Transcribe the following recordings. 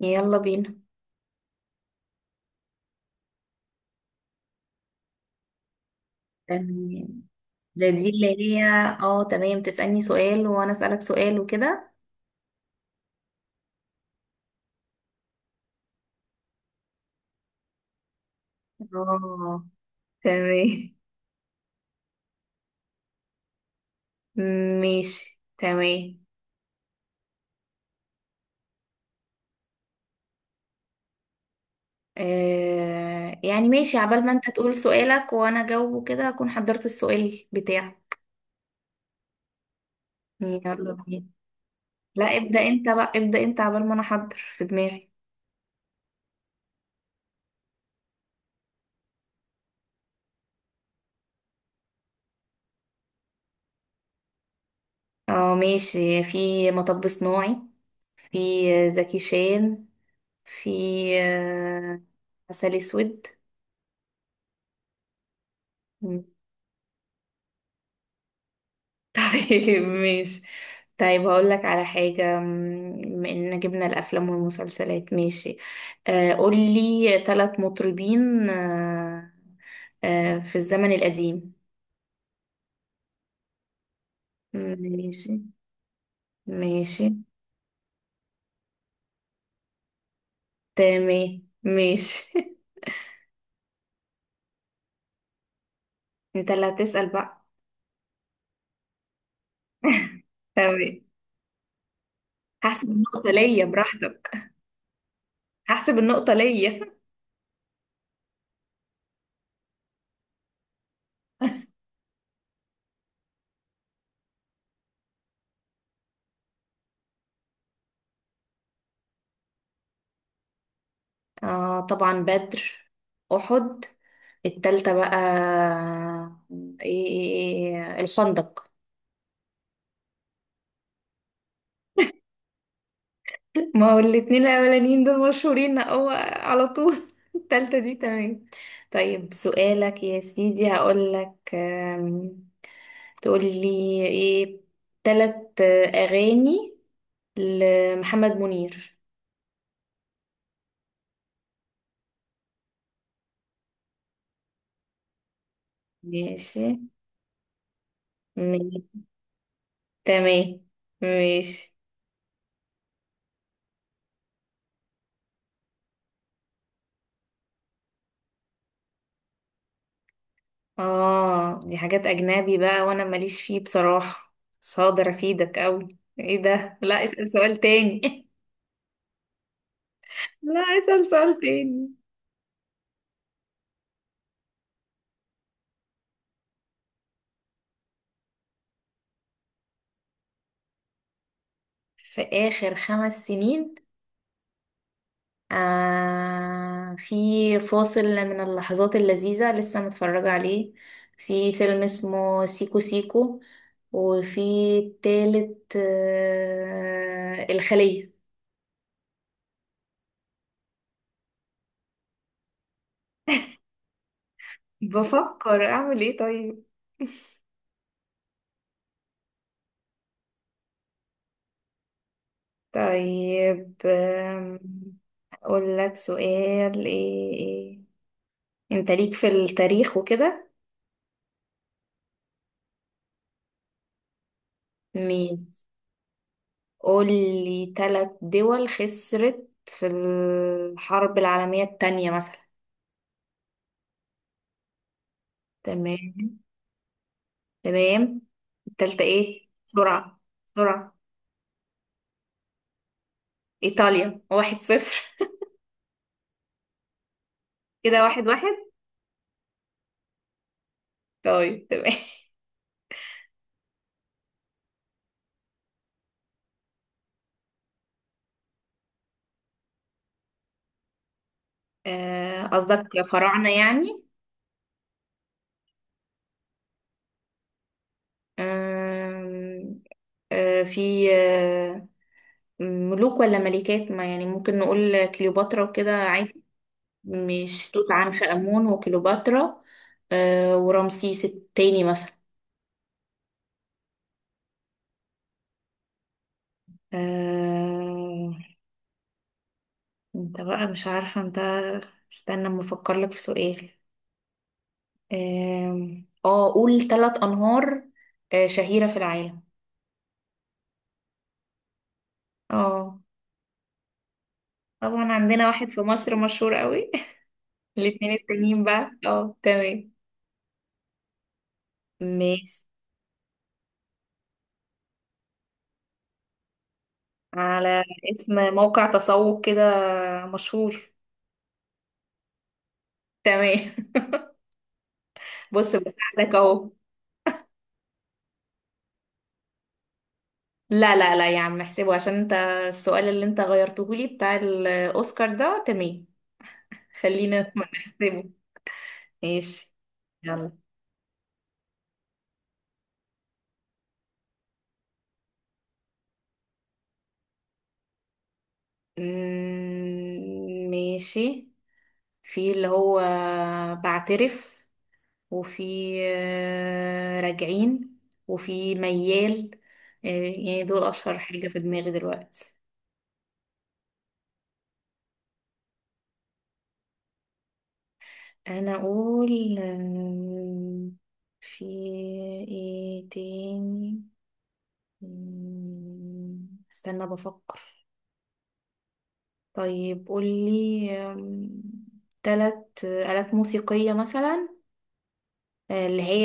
يلا بينا. تمام. دي اللي هي. اه، تمام، تسألني سؤال وانا اسألك سؤال وكده. اه تمام، ماشي. تمام. ماشي، عبال ما انت تقول سؤالك وانا اجاوبه كده اكون حضرت السؤال بتاعي. يلا بينا. لا، ابدأ انت بقى، ابدأ انت عبال ما انا احضر في دماغي. اه ماشي، في مطب صناعي. في زكي شان. في آه، عسل اسود. طيب ماشي. طيب هقول لك على حاجة بما اننا جبنا الافلام والمسلسلات. ماشي. قولي ثلاث مطربين في الزمن القديم. ماشي. ماشي. تمام. ماشي. انت اللي هتسأل بقى. تمام. هحسب النقطة ليا براحتك. هحسب النقطة ليا. آه طبعا، بدر، أحد، التالتة بقى آه، إيه إيه- إيه، الخندق. ما هو الاتنين الاولانيين دول مشهورين، هو على طول. التالتة دي تمام. طيب سؤالك يا سيدي، هقولك تقولي ايه، تلات اغاني لمحمد منير. ماشي. ماشي. تمام. ماشي. اه، دي حاجات اجنبي بقى وانا ماليش فيه بصراحة، مش هقدر افيدك اوي. ايه ده، لا اسأل سؤال تاني. لا اسأل سؤال تاني. في آخر 5 سنين. في فاصل من اللحظات اللذيذة لسه متفرجة عليه. في فيلم اسمه سيكو سيكو، وفي التالت الخلية. بفكر أعمل إيه طيب. طيب أقول لك سؤال إيه إيه. أنت ليك في التاريخ وكده. مين، قولي تلات دول خسرت في الحرب العالمية التانية مثلا. تمام. تمام. التالتة ايه بسرعة. بسرعة. إيطاليا 1-0. كده 1-1. طيب تمام. قصدك فراعنة يعني. آم، آه، في آه، ملوك ولا ملكات، ما يعني ممكن نقول كليوباترا وكده عادي، مش توت عنخ آمون وكليوباترا ورمسيس التاني مثلا. آه... انت بقى مش عارفة انت، استنى اما افكر لك في سؤال. اه قول ثلاث انهار شهيرة في العالم. اه طبعا، عندنا واحد في مصر مشهور قوي. الاتنين التانيين بقى، اه تمام. ماشي. على اسم موقع تسوق كده مشهور. تمام. بص، بساعدك اهو. لا لا لا يا عم، احسبه عشان انت السؤال اللي انت غيرته لي بتاع الاوسكار ده تمام. خلينا نحسبه. ماشي. يلا. ماشي. في اللي هو بعترف، وفي راجعين، وفي ميال. آه، يعني دول أشهر حاجة في دماغي دلوقتي. أنا أقول في إيه تاني. استنى بفكر. طيب قولي تلات آلات موسيقية مثلا، اللي هي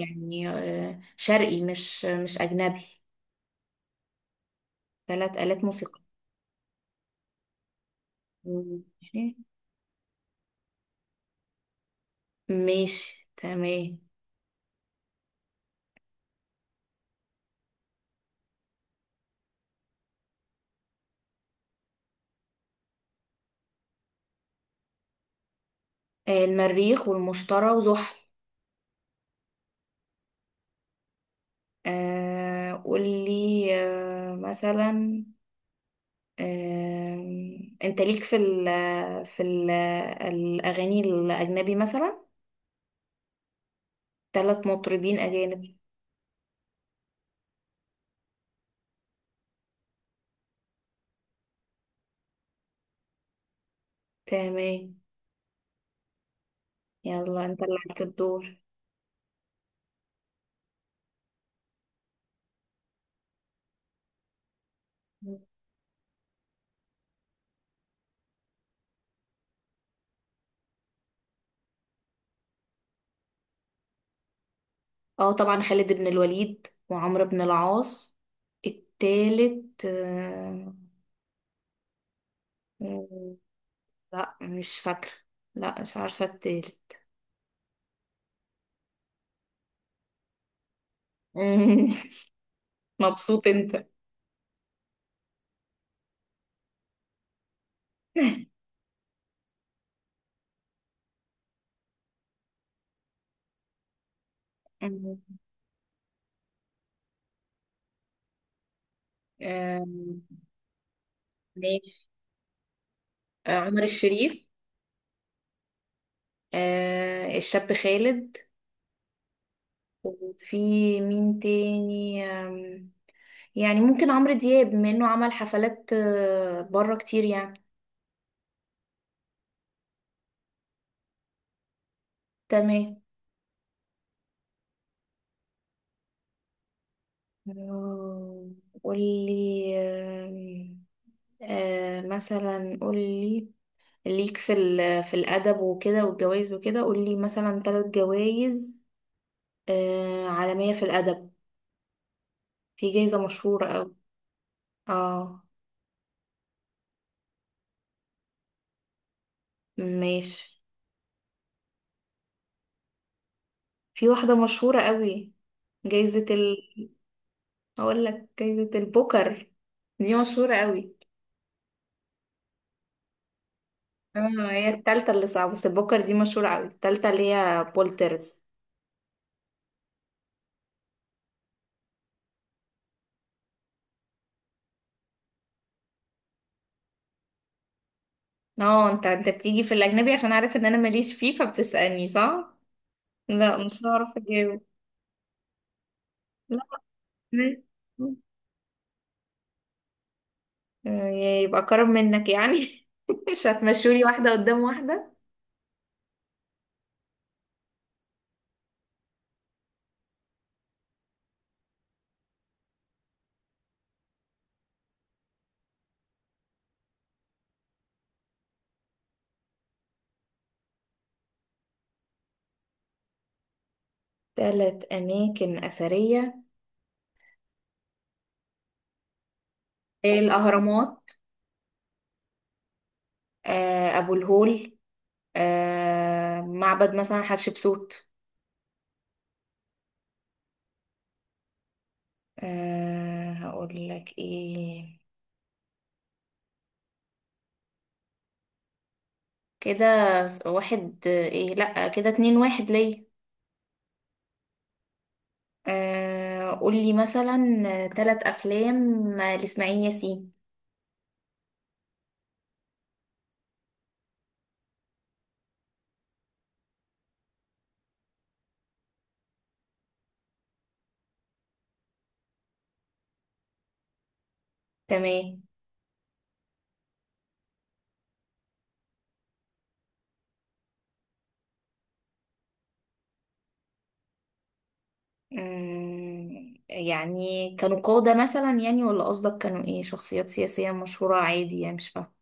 يعني شرقي، مش أجنبي. ثلاث آلات موسيقى. ماشي. ماشي، تمام. المريخ والمشتري وزحل. قولي مثلا آه، انت ليك في ال الأغاني الأجنبي مثلا، ثلاث مطربين أجانب. تمام. يلا، انت اللي عليك الدور. اه طبعا، خالد بن الوليد وعمرو بن العاص. التالت آه، لا مش فاكرة، لا مش عارفة التالت. مم. مبسوط انت. مم. آه، ماشي. عمر الشريف. الشاب خالد. وفي مين تاني، يعني ممكن عمرو دياب بما انه عمل حفلات بره كتير يعني. تمام. آه، قولي آم، آه مثلا قولي، ليك في في الأدب وكده والجوائز وكده، قولي مثلا ثلاث جوائز عالمية في الأدب. في جايزة مشهورة أوي. اه ماشي. في واحدة مشهورة أوي، جايزة ال. أقول لك جايزة البوكر، دي مشهورة أوي. اه هي التالتة اللي صعبة، بس البوكر دي مشهورة أوي، التالتة اللي هي بولترز. اه انت بتيجي في الأجنبي عشان عارف ان انا ماليش فيه فبتسألني، صح؟ لا مش هعرف اجاوب. مم. آه، يبقى كرم منك يعني. مش هتمشولي واحدة قدام واحدة. ثلاث أماكن أثرية: الأهرامات، أبو الهول، معبد مثلا حتشبسوت. هقول لك إيه. كده واحد إيه، لأ كده 2-1 ليا. قولي مثلا ثلاث أفلام لإسماعيل ياسين. تمام. يعني كانوا قادة مثلا يعني، ولا قصدك كانوا ايه، شخصيات سياسية مشهورة عادي يعني، مش فاهمة.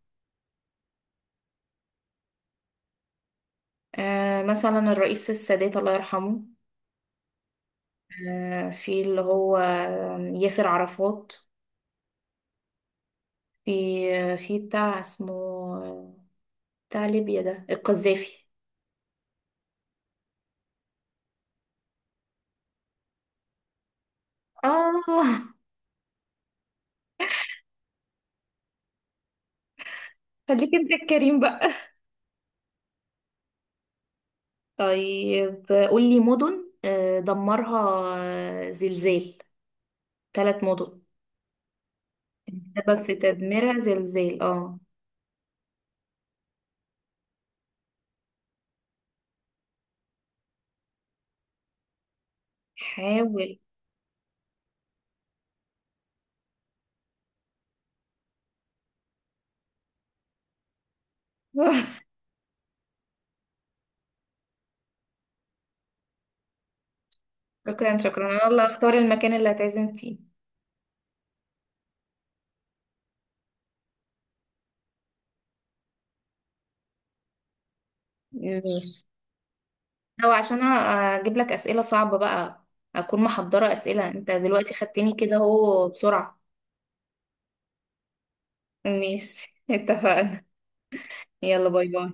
آه مثلا الرئيس السادات الله يرحمه. آه في اللي هو ياسر عرفات. في في بتاع اسمه بتاع ليبيا ده القذافي. اه خليك انت الكريم بقى. طيب قولي مدن دمرها زلزال، ثلاث مدن السبب في تدميرها زلزال، اه. حاول. شكرا شكرا، انا اللي اختار المكان اللي هتعزم فيه. ماشي، لو عشان اجيب لك اسئله صعبه بقى اكون محضره اسئله، انت دلوقتي خدتني كده اهو بسرعه. ماشي اتفقنا. يلا باي باي.